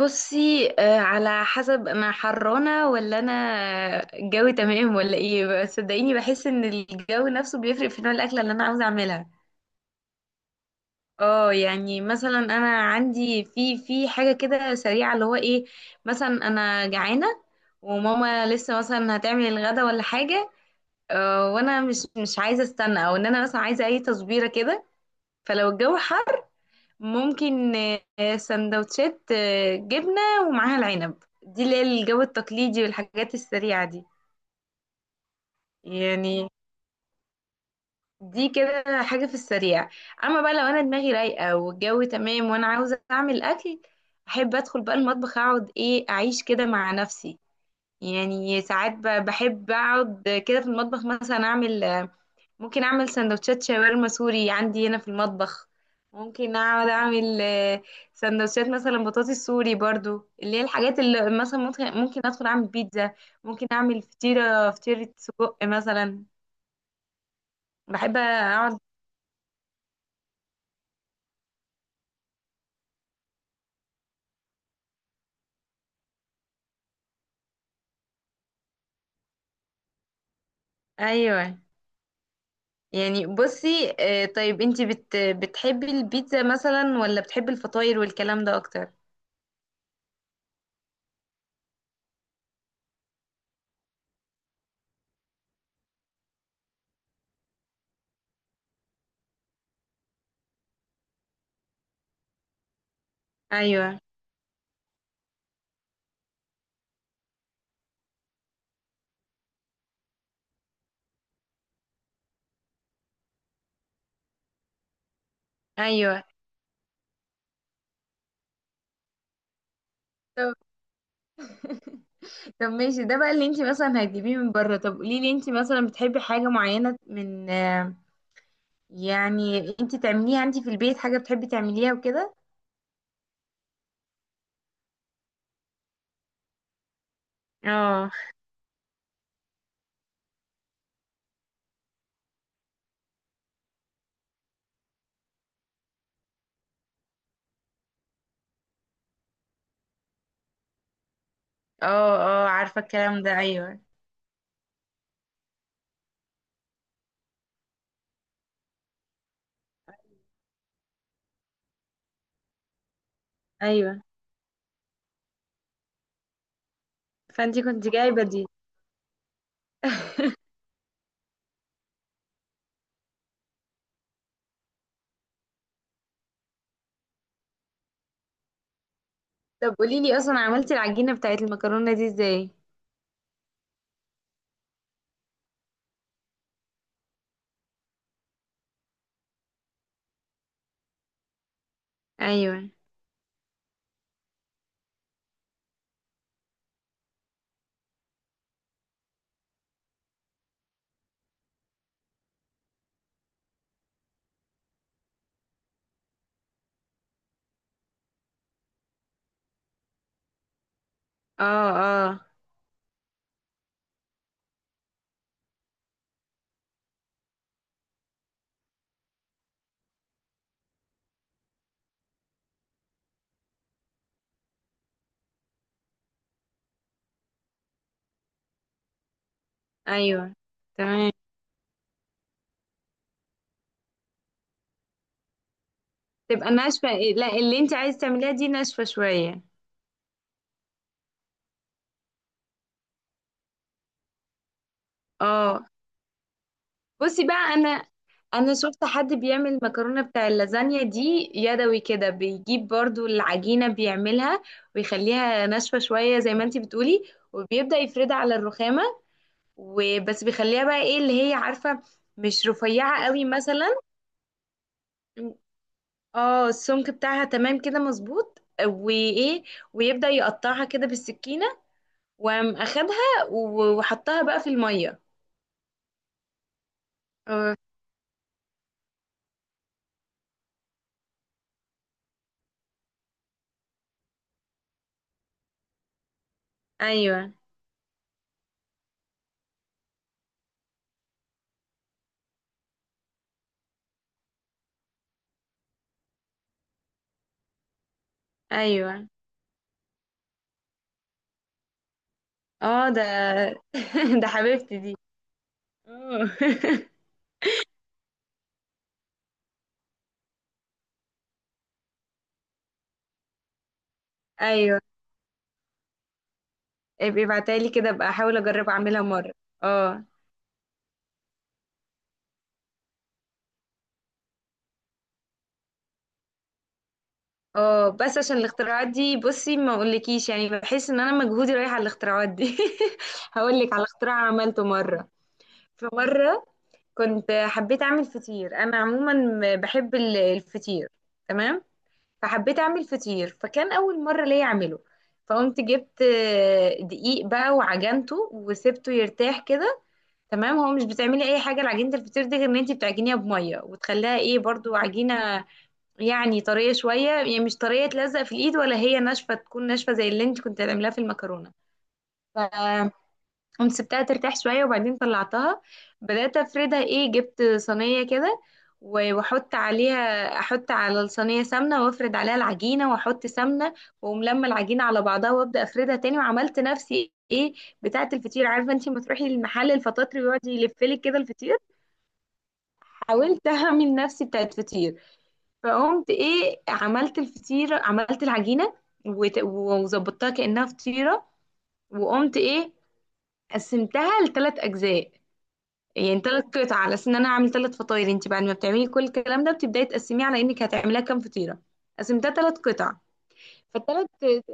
بصي، على حسب انا حرانه ولا انا الجو تمام ولا ايه. بس صدقيني بحس ان الجو نفسه بيفرق في نوع الاكله اللي انا عاوزه اعملها. اه، يعني مثلا انا عندي في حاجه كده سريعه اللي هو ايه. مثلا انا جعانه، وماما لسه مثلا هتعمل الغدا ولا حاجه. وانا مش عايزه استنى، او ان انا مثلا عايزه اي تصبيره كده. فلو الجو حر ممكن، سندوتشات، جبنة ومعاها العنب، دي اللي هي الجو التقليدي والحاجات السريعة دي يعني. دي كده حاجة في السريع. أما بقى لو أنا دماغي رايقة والجو تمام وأنا عاوزة أعمل أكل، أحب أدخل بقى المطبخ، أقعد إيه أعيش كده مع نفسي. يعني ساعات بحب أقعد كده في المطبخ، مثلا أعمل، ممكن اعمل سندوتشات شاورما سوري عندي هنا في المطبخ. ممكن اقعد اعمل، سندوتشات مثلا بطاطس سوري برضو، اللي هي الحاجات اللي مثلا ممكن ادخل اعمل بيتزا. ممكن اعمل فطيره سجق مثلا. بحب اقعد، ايوه يعني. بصي، طيب انتي بتحبي البيتزا مثلا، ولا بتحبي الفطاير والكلام ده اكتر؟ ايوه، ايوه. طب. طب ماشي، ده بقى اللي انت مثلا هتجيبيه من بره. طب قولي لي، انت مثلا بتحبي حاجة معينة من، يعني انت تعمليها انت في البيت، حاجة بتحبي تعمليها وكده؟ اه، اه، اه عارفة الكلام ده، ايوه. ايوه، فانتي كنت جايبه دي. طب قولي لي، اصلا عملتي العجينة بتاعت المكرونة دي ازاي؟ ايوه، اه، اه، ايوه، تمام، تبقى ناشفة. لا، اللي انت عايزة تعمليها دي ناشفة شوية، اه. بصي بقى، انا شفت حد بيعمل المكرونه بتاع اللازانيا دي يدوي كده، بيجيب برضو العجينه بيعملها ويخليها ناشفه شويه زي ما انتي بتقولي، وبيبدا يفردها على الرخامه، وبس بيخليها بقى ايه اللي هي عارفه، مش رفيعه قوي مثلا. اه، السمك بتاعها تمام كده مظبوط، وايه ويبدا يقطعها كده بالسكينه، وقام اخدها وحطها بقى في الميه. آه، ايوه، ايوه، اه ده. ده حبيبتي دي، اه. ايوه، ابقي ابعتها لي كده، ابقى احاول اجرب اعملها مره. اه، اه بس عشان الاختراعات دي بصي، ما اقولكيش يعني بحس ان انا مجهودي رايح على الاختراعات دي. هقول لك على اختراع عملته مره. في مره كنت حبيت اعمل فطير، انا عموما بحب الفطير، تمام. فحبيت اعمل فطير، فكان اول مره ليا اعمله. فقمت جبت، دقيق بقى، وعجنته وسبته يرتاح كده، تمام. هو مش بتعملي اي حاجه لعجينه الفطير دي غير ان انت بتعجنيها بميه، وتخليها ايه برضو عجينه، يعني طريه شويه، يعني مش طريه تلزق في الايد، ولا هي ناشفه، تكون ناشفه زي اللي انت كنت هتعمليها في المكرونه. ف قمت سبتها ترتاح شوية وبعدين طلعتها. بدأت أفردها، إيه جبت صينية كده، وأحط عليها، أحط على الصينية سمنة، وأفرد عليها العجينة وأحط سمنة، وأقوم لما العجينة على بعضها، وأبدأ أفردها تاني، وعملت نفسي إيه بتاعة الفطير، عارفة أنتي لما تروحي المحل الفطاطري ويقعد يلفلك كده الفطير. حاولت أعمل نفسي بتاعة فطير. فقمت إيه، عملت الفطير، عملت العجينة وظبطتها كأنها فطيرة. وقمت إيه، قسمتها لثلاث أجزاء، يعني ثلاث قطع، على اساس ان انا هعمل ثلاث فطاير. انت بعد ما بتعملي كل الكلام ده بتبداي تقسميه على انك هتعمليها كام فطيره. قسمتها ثلاث قطع، فالثلاث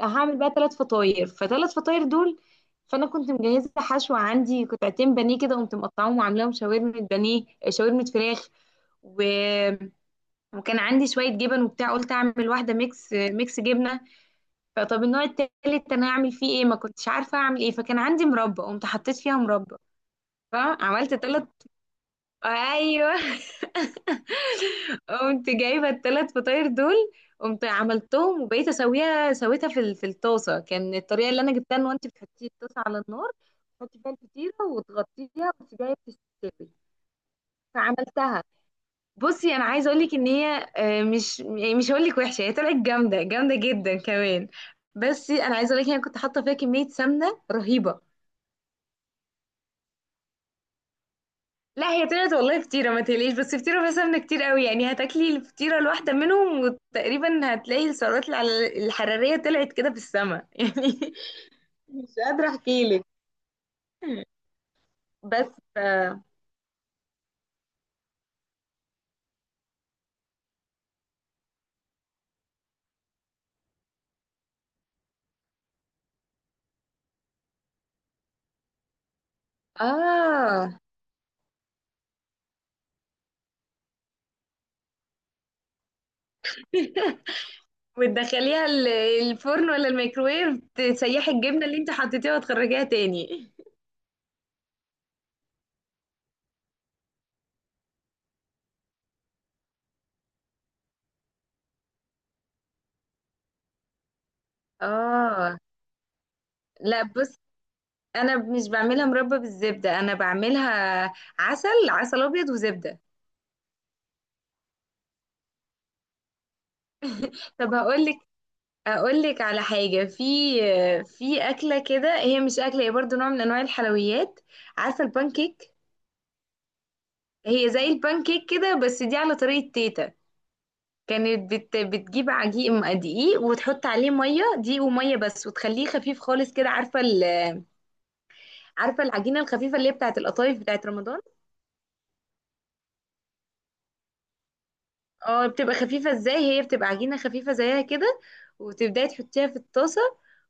هعمل بقى ثلاث فطاير، فثلاث فطاير دول. فانا كنت مجهزه حشوه، عندي قطعتين بانيه كده، قمت مقطعاهم وعاملاهم شاورما بانيه، شاورما فراخ. و... وكان عندي شويه جبن وبتاع، قلت اعمل واحده ميكس، ميكس جبنه. فطب النوع التالت انا اعمل فيه ايه، ما كنتش عارفه اعمل ايه، فكان عندي مربى، قمت حطيت فيها مربى. فعملت ثلاث، ايوه. قمت جايبه الثلاث فطاير دول، قمت عملتهم وبقيت اسويها، سويتها في الطاسه. كان الطريقه اللي انا جبتها ان انت بتحطي الطاسه على النار، تحطي فيها الفطيره وتغطيها وتسيبيها تستوي. فعملتها. بصي انا عايزه اقول لك ان هي، آه، مش يعني مش هقول لك وحشه، هي طلعت جامده، جامده جدا كمان. بس انا عايزه اقول لك، انا كنت حاطه فيها كميه سمنه رهيبه. لا هي طلعت والله فطيرة، ما تقلقيش، بس فطيرة فيها سمنة كتير قوي، يعني هتاكلي الفطيرة الواحدة منهم وتقريبا هتلاقي السعرات الحرارية طلعت كده في السماء يعني. مش قادرة احكيلك. بس اه. وتدخليها الفرن، ولا الميكروويف، تسيحي الجبنة اللي انت حطيتيها وتخرجيها تاني، اه. لا بص، انا مش بعملها مربى بالزبدة، انا بعملها عسل، عسل ابيض وزبدة. طب اقول لك على حاجه، في اكله كده، هي مش اكله، هي برضو نوع من انواع الحلويات. عارفه البانكيك؟ هي زي البانكيك كده، بس دي على طريقه تيتا، كانت بتجيب دقيق، وتحط عليه ميه، دقيق وميه بس، وتخليه خفيف خالص كده، عارفه العجينه الخفيفه اللي هي بتاعه القطايف، بتاعه رمضان؟ اه بتبقى خفيفة ازاي، هي بتبقى عجينة خفيفة زيها كده، وتبدأي تحطيها في الطاسة،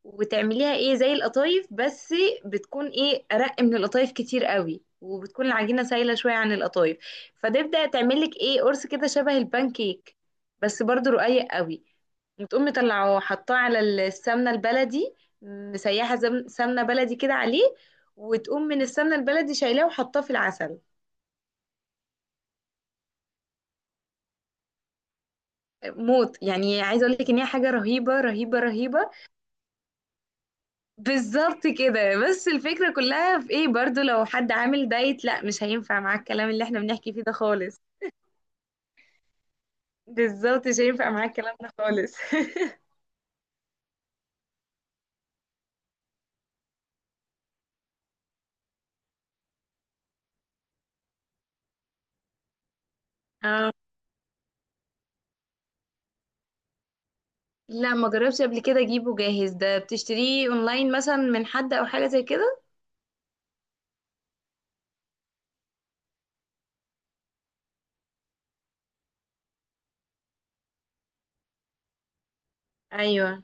وتعمليها ايه زي القطايف، بس بتكون ايه ارق من القطايف كتير قوي، وبتكون العجينة سايلة شوية عن القطايف. فتبدأ تعملك ايه قرص كده شبه البان كيك، بس برضو رقيق قوي. وتقوم مطلعه وحطاه على السمنة البلدي، مسيحة سمنة بلدي كده عليه، وتقوم من السمنة البلدي شايلاه وحطاه في العسل. موت يعني، عايزه اقول لك ان هي حاجه رهيبه رهيبه رهيبه. بالظبط كده، بس الفكرة كلها في ايه، برضو لو حد عامل دايت، لا مش هينفع معاه الكلام اللي احنا بنحكي فيه ده خالص. بالظبط، مش هينفع معاه الكلام ده خالص. اه، لا ما جربش قبل كده اجيبه جاهز، ده بتشتريه اونلاين مثلا من حد، او حاجة زي كده؟ ايوه،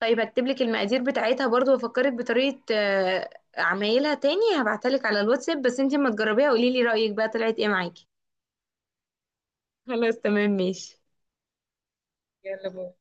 طيب هكتب لك المقادير بتاعتها برضو، وافكرك بطريقة، عمايلها تاني، هبعتها لك على الواتساب، بس انتي اما تجربيها قولي لي رأيك بقى طلعت ايه معاكي. خلاص تمام، ماشي. يلا باي.